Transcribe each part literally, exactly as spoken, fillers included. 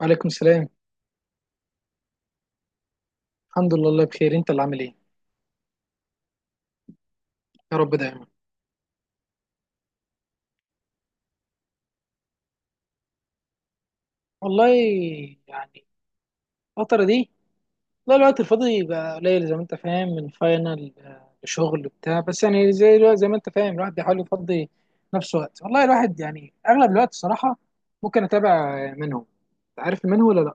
وعليكم السلام. الحمد لله، الله بخير. انت اللي عامل ايه؟ يا رب دايما. والله يعني الفترة دي، لا الوقت الفاضي بقى قليل زي ما انت فاهم من فاينل، آه، لشغل وبتاع، بس يعني زي الوقت- زي ما انت فاهم الواحد بيحاول يفضي نفسه وقت. والله الواحد، يعني اغلب الوقت الصراحة ممكن اتابع منه. عارف منه ولا لا؟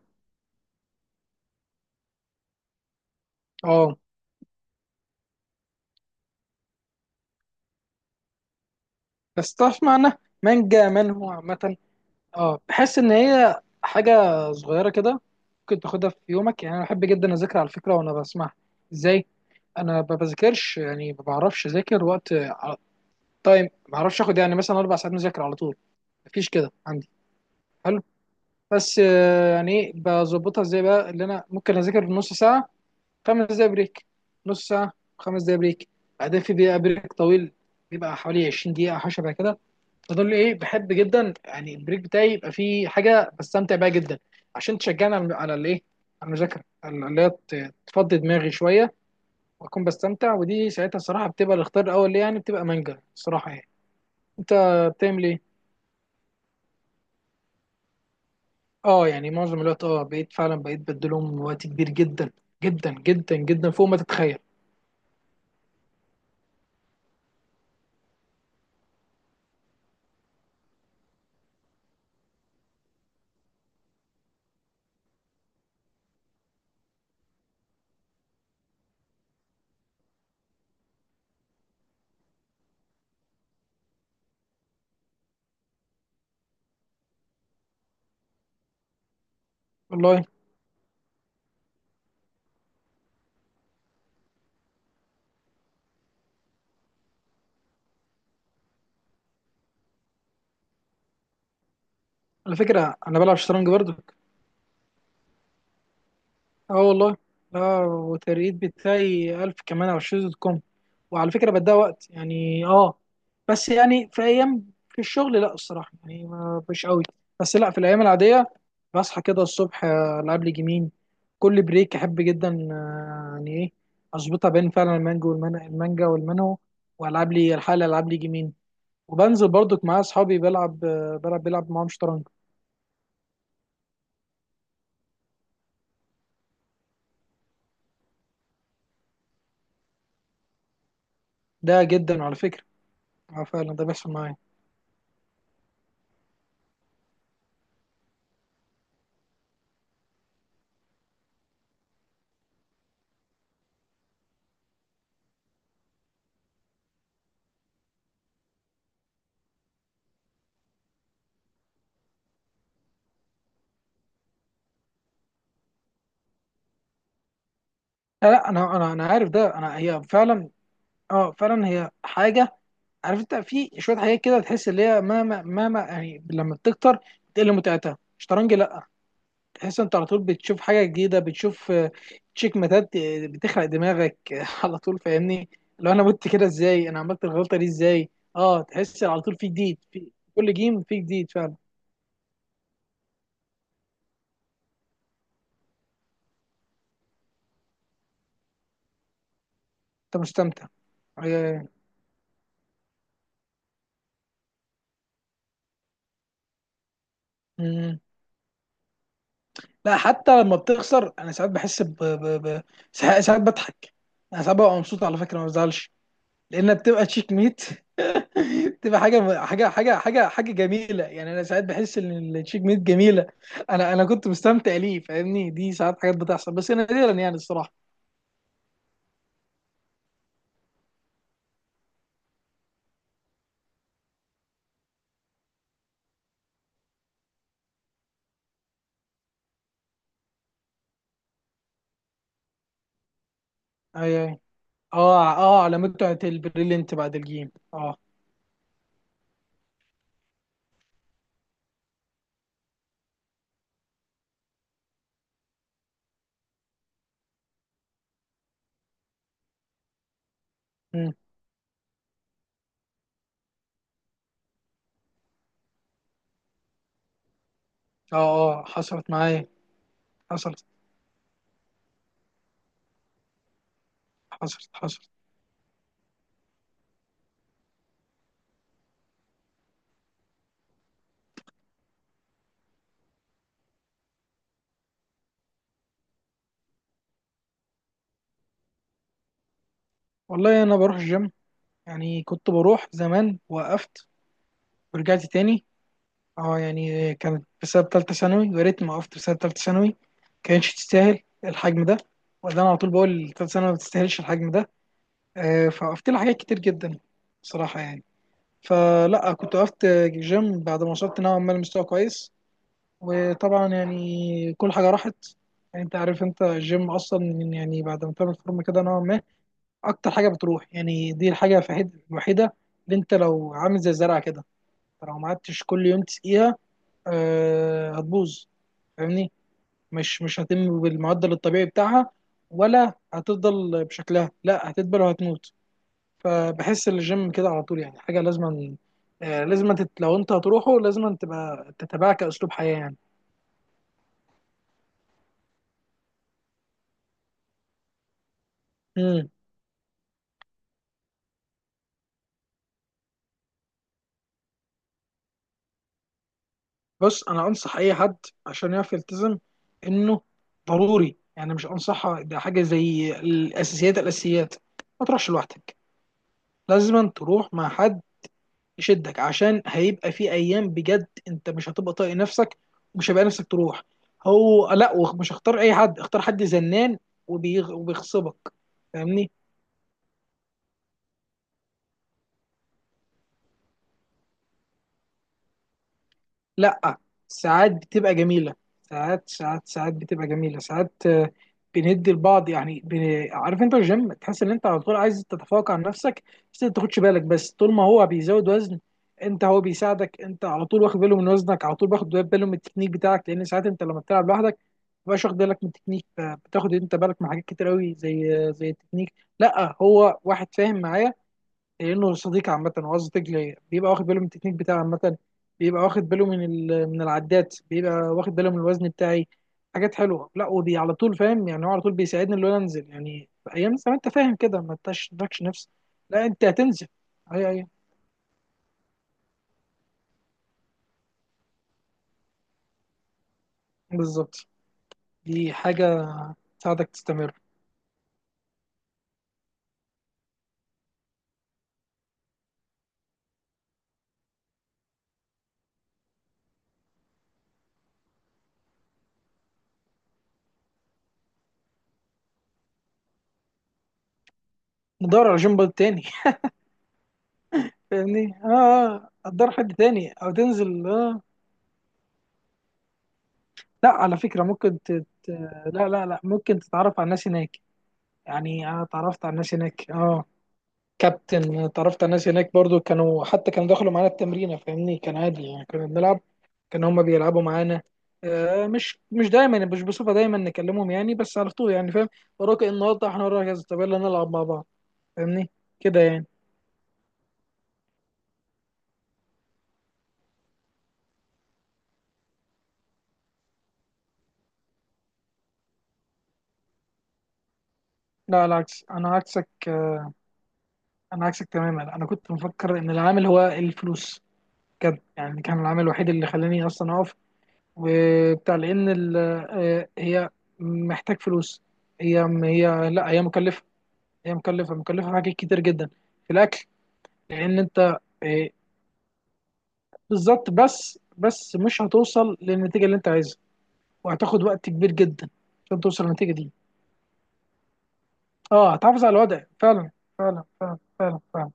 اه، بس تعرف معنى مانجا منهو عامة؟ اه، بحس ان هي حاجه صغيره كده، ممكن تاخدها في يومك. يعني انا بحب جدا اذاكر على فكره وانا بسمعها. ازاي؟ انا ما بذاكرش. يعني ما بعرفش اذاكر وقت، ع- تايم. ما بعرفش اخد يعني مثلا اربع ساعات مذاكره على طول. مفيش كده عندي. حلو. بس آه، يعني ايه، بظبطها ازاي بقى؟ اللي انا ممكن اذاكر في نص ساعه، خمس دقايق بريك، نص ساعه، خمس دقايق بريك، بعدين في دقيقه بريك طويل، بيبقى حوالي 20 دقيقه او حاجه شبه كده تدل. ايه، بحب جدا يعني البريك بتاعي يبقى فيه حاجه بستمتع بيها جدا، عشان تشجعني على على الايه، على المذاكره، على اللي هي ت- تفضي دماغي شويه. واكون بستمتع. ودي ساعتها الصراحه بتبقى الاختيار الاول ليه، يعني بتبقى مانجا الصراحه يعني. انت بتعمل ايه؟ اه يعني معظم الوقت اه بقيت فعلا، بقيت بديلهم وقت كبير جدا جدا جدا جدا، فوق ما تتخيل. والله، على فكره انا بلعب شطرنج برضك. اه والله، لا، والترقيد بتاعي الف كمان على شيز دوت كوم. وعلى فكره بديها وقت يعني. اه بس يعني في ايام، في الشغل، لا الصراحه يعني ما- مش قوي. بس لا، في الايام العاديه بصحى كده الصبح، آه، العب لي جيمين. كل بريك احب جدا، آه، يعني ايه، اظبطها بين فعلا المانجو والمانجا، المانجا والمانهو، والعب لي الحاله، العب لي جيمين. وبنزل برضك مع اصحابي، بلعب آه، بلعب بلعب معاهم شطرنج. ده جدا على فكره. آه، فعلا ده بيحصل معايا. لا، لا، انا انا انا عارف ده. انا هي فعلا. اه، فعلا هي حاجه. عارف انت في شويه حاجات كده تحس اللي هي مهما مهما يعني، لما بتكتر بتقل متعتها. شطرنج، لا. تحس انت على طول بتشوف حاجه جديده. بتشوف آه، تشيك ماتات، آه، بتخلق دماغك، آه، على طول فاهمني؟ لو انا مت كده، ازاي انا عملت الغلطه دي، ازاي؟ اه، تحس على طول في جديد. في كل جيم في جديد فعلا. انت مستمتع؟ آه، مم. لا، حتى لما بتخسر انا ساعات بحس ب... ب... ب... ساعات، ساعات بضحك. انا ساعات ببقى مبسوط، على فكره ما بزعلش، لان بتبقى تشيك ميت. تبقى حاجه حاجه حاجه حاجه حاجه جميله، يعني انا ساعات بحس ان التشيك ميت جميله. انا انا كنت مستمتع ليه، فاهمني؟ دي ساعات حاجات بتحصل بس نادرا يعني الصراحه. اي، اي. اه، اه، على متعه البريلينت بعد الجيم. اه. مم. اه، اه، حصلت معايا، حصلت، حصلت، حصلت. والله انا بروح الجيم. يعني كنت بروح زمان، وقفت، ورجعت تاني. اه، يعني كانت بسبب تالتة ثانوي، ويا ريتني ما وقفت. بسبب تالتة ثانوي، كانتش تستاهل الحجم ده. وده انا على طول بقول: تالتة ثانوي ما تستاهلش الحجم ده. آه، فوقفت لها حاجات كتير جدا بصراحة يعني. فلا كنت وقفت جيم بعد ما وصلت نوعا ما لمستوى كويس، وطبعا يعني كل حاجة راحت. يعني انت عارف انت الجيم اصلا، يعني بعد ما تعمل فورمة كده نوعا ما، اكتر حاجة بتروح. يعني دي الحاجة الوحيد- الوحيدة، اللي انت لو عامل زي الزرع كده، لو ما قعدتش كل يوم تسقيها، آه، هتبوظ. فاهمني؟ مش مش هتتم بالمعدل الطبيعي بتاعها، ولا هتفضل بشكلها. لا، هتدبل وهتموت. فبحس ان الجيم كده على طول يعني حاجه لازم، آه، لازم تت... لو انت هتروحه لازم تبقى تتبعه كاسلوب حياه يعني. مم. بص انا انصح اي حد عشان يعرف يلتزم، انه ضروري يعني. مش انصح، ده حاجه زي الاساسيات. الاساسيات: ما تروحش لوحدك. لازم تروح مع حد يشدك، عشان هيبقى في ايام بجد انت مش هتبقى طايق نفسك، ومش هيبقى نفسك تروح. هو لا، وخ- مش هختار اي حد، اختار حد زنان وبيغ... وبيغصبك. فاهمني؟ لا، ساعات بتبقى جميلة. ساعات، ساعات، ساعات بتبقى جميلة. ساعات، آه، بندي لبعض يعني بن... عارف انت الجيم، تحس ان انت على طول عايز تتفوق عن نفسك. بس انت تاخدش بالك. بس طول ما هو بيزود وزن، انت، هو بيساعدك. انت على طول واخد باله من وزنك، على طول واخد باله من التكنيك بتاعك، لان ساعات انت لما بتلعب لوحدك تبقاش واخد بالك من التكنيك. بتاخد انت بالك من حاجات كتير قوي، زي زي التكنيك. لا هو واحد فاهم معايا، لانه صديق. عامه وقصدك ليا بيبقى واخد باله من التكنيك بتاعي عامه. بيبقى واخد باله من ال... من العدات، بيبقى واخد باله من الوزن بتاعي. حاجات حلوه. لا ودي على طول، فاهم يعني؟ هو على طول بيساعدني ان انا انزل، يعني في ايام زمان انت فاهم كده ما تشدكش نفس. لا، انت هتنزل. اي، اي، بالظبط. دي حاجه تساعدك تستمر. ندور على جنب تاني. فاهمني؟ اه، آه. هتدور حد تاني او تنزل. لا على فكرة ممكن تت... لا، لا، لا، ممكن تتعرف على الناس هناك. يعني أنا اتعرفت على الناس هناك، اه. كابتن، اتعرفت على الناس هناك برضو. كانوا حتى كانوا دخلوا معانا التمرين، فاهمني؟ كان عادي، يعني كنا بنلعب، كانوا هما بيلعبوا معانا. آه مش مش دايما، مش بصفة دايما نكلمهم يعني. بس على طول يعني فاهم. وراك إيه النهارده؟ احنا وراك كذا، طب يلا نلعب مع بعض. فاهمني كده يعني؟ لا، العكس. انا عكسك انا عكسك تماما، انا كنت مفكر ان العامل هو الفلوس. بجد يعني، كان العامل الوحيد اللي خلاني اصلا اقف وبتاع. لان ال- آه، هي محتاج فلوس. هي هي لا، هي مكلفه. هي مكلفه مكلفه في حاجات كتير جدا. في الاكل. لان انت آه، بالظبط. بس بس مش هتوصل للنتيجه اللي انت عايزها، وهتاخد وقت كبير جدا عشان توصل للنتيجه دي. اه، هتحافظ على الوضع. فعلا، فعلا، فعلا، فعلا، فعلا.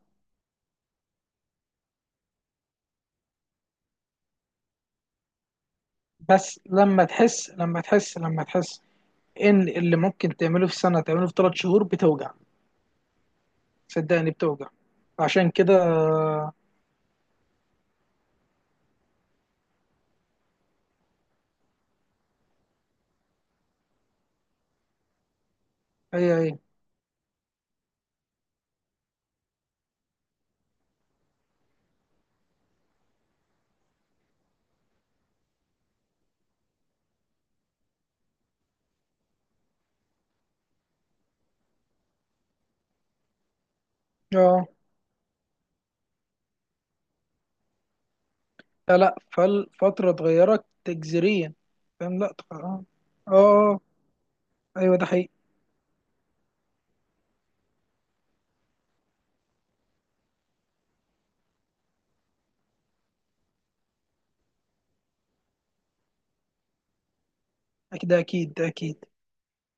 بس لما تحس لما تحس لما تحس ان اللي ممكن تعمله في سنه تعمله في ثلاث شهور، بتوجع. صدقني بتوجع. عشان كده، آه، هي هي. اه، لا، لا، فالفترة اتغيرت تجذريا. فاهم؟ لا، تق- اه، اه، آه، ايوه، ده حقيقي. اكيد، ده اكيد، ده اكيد.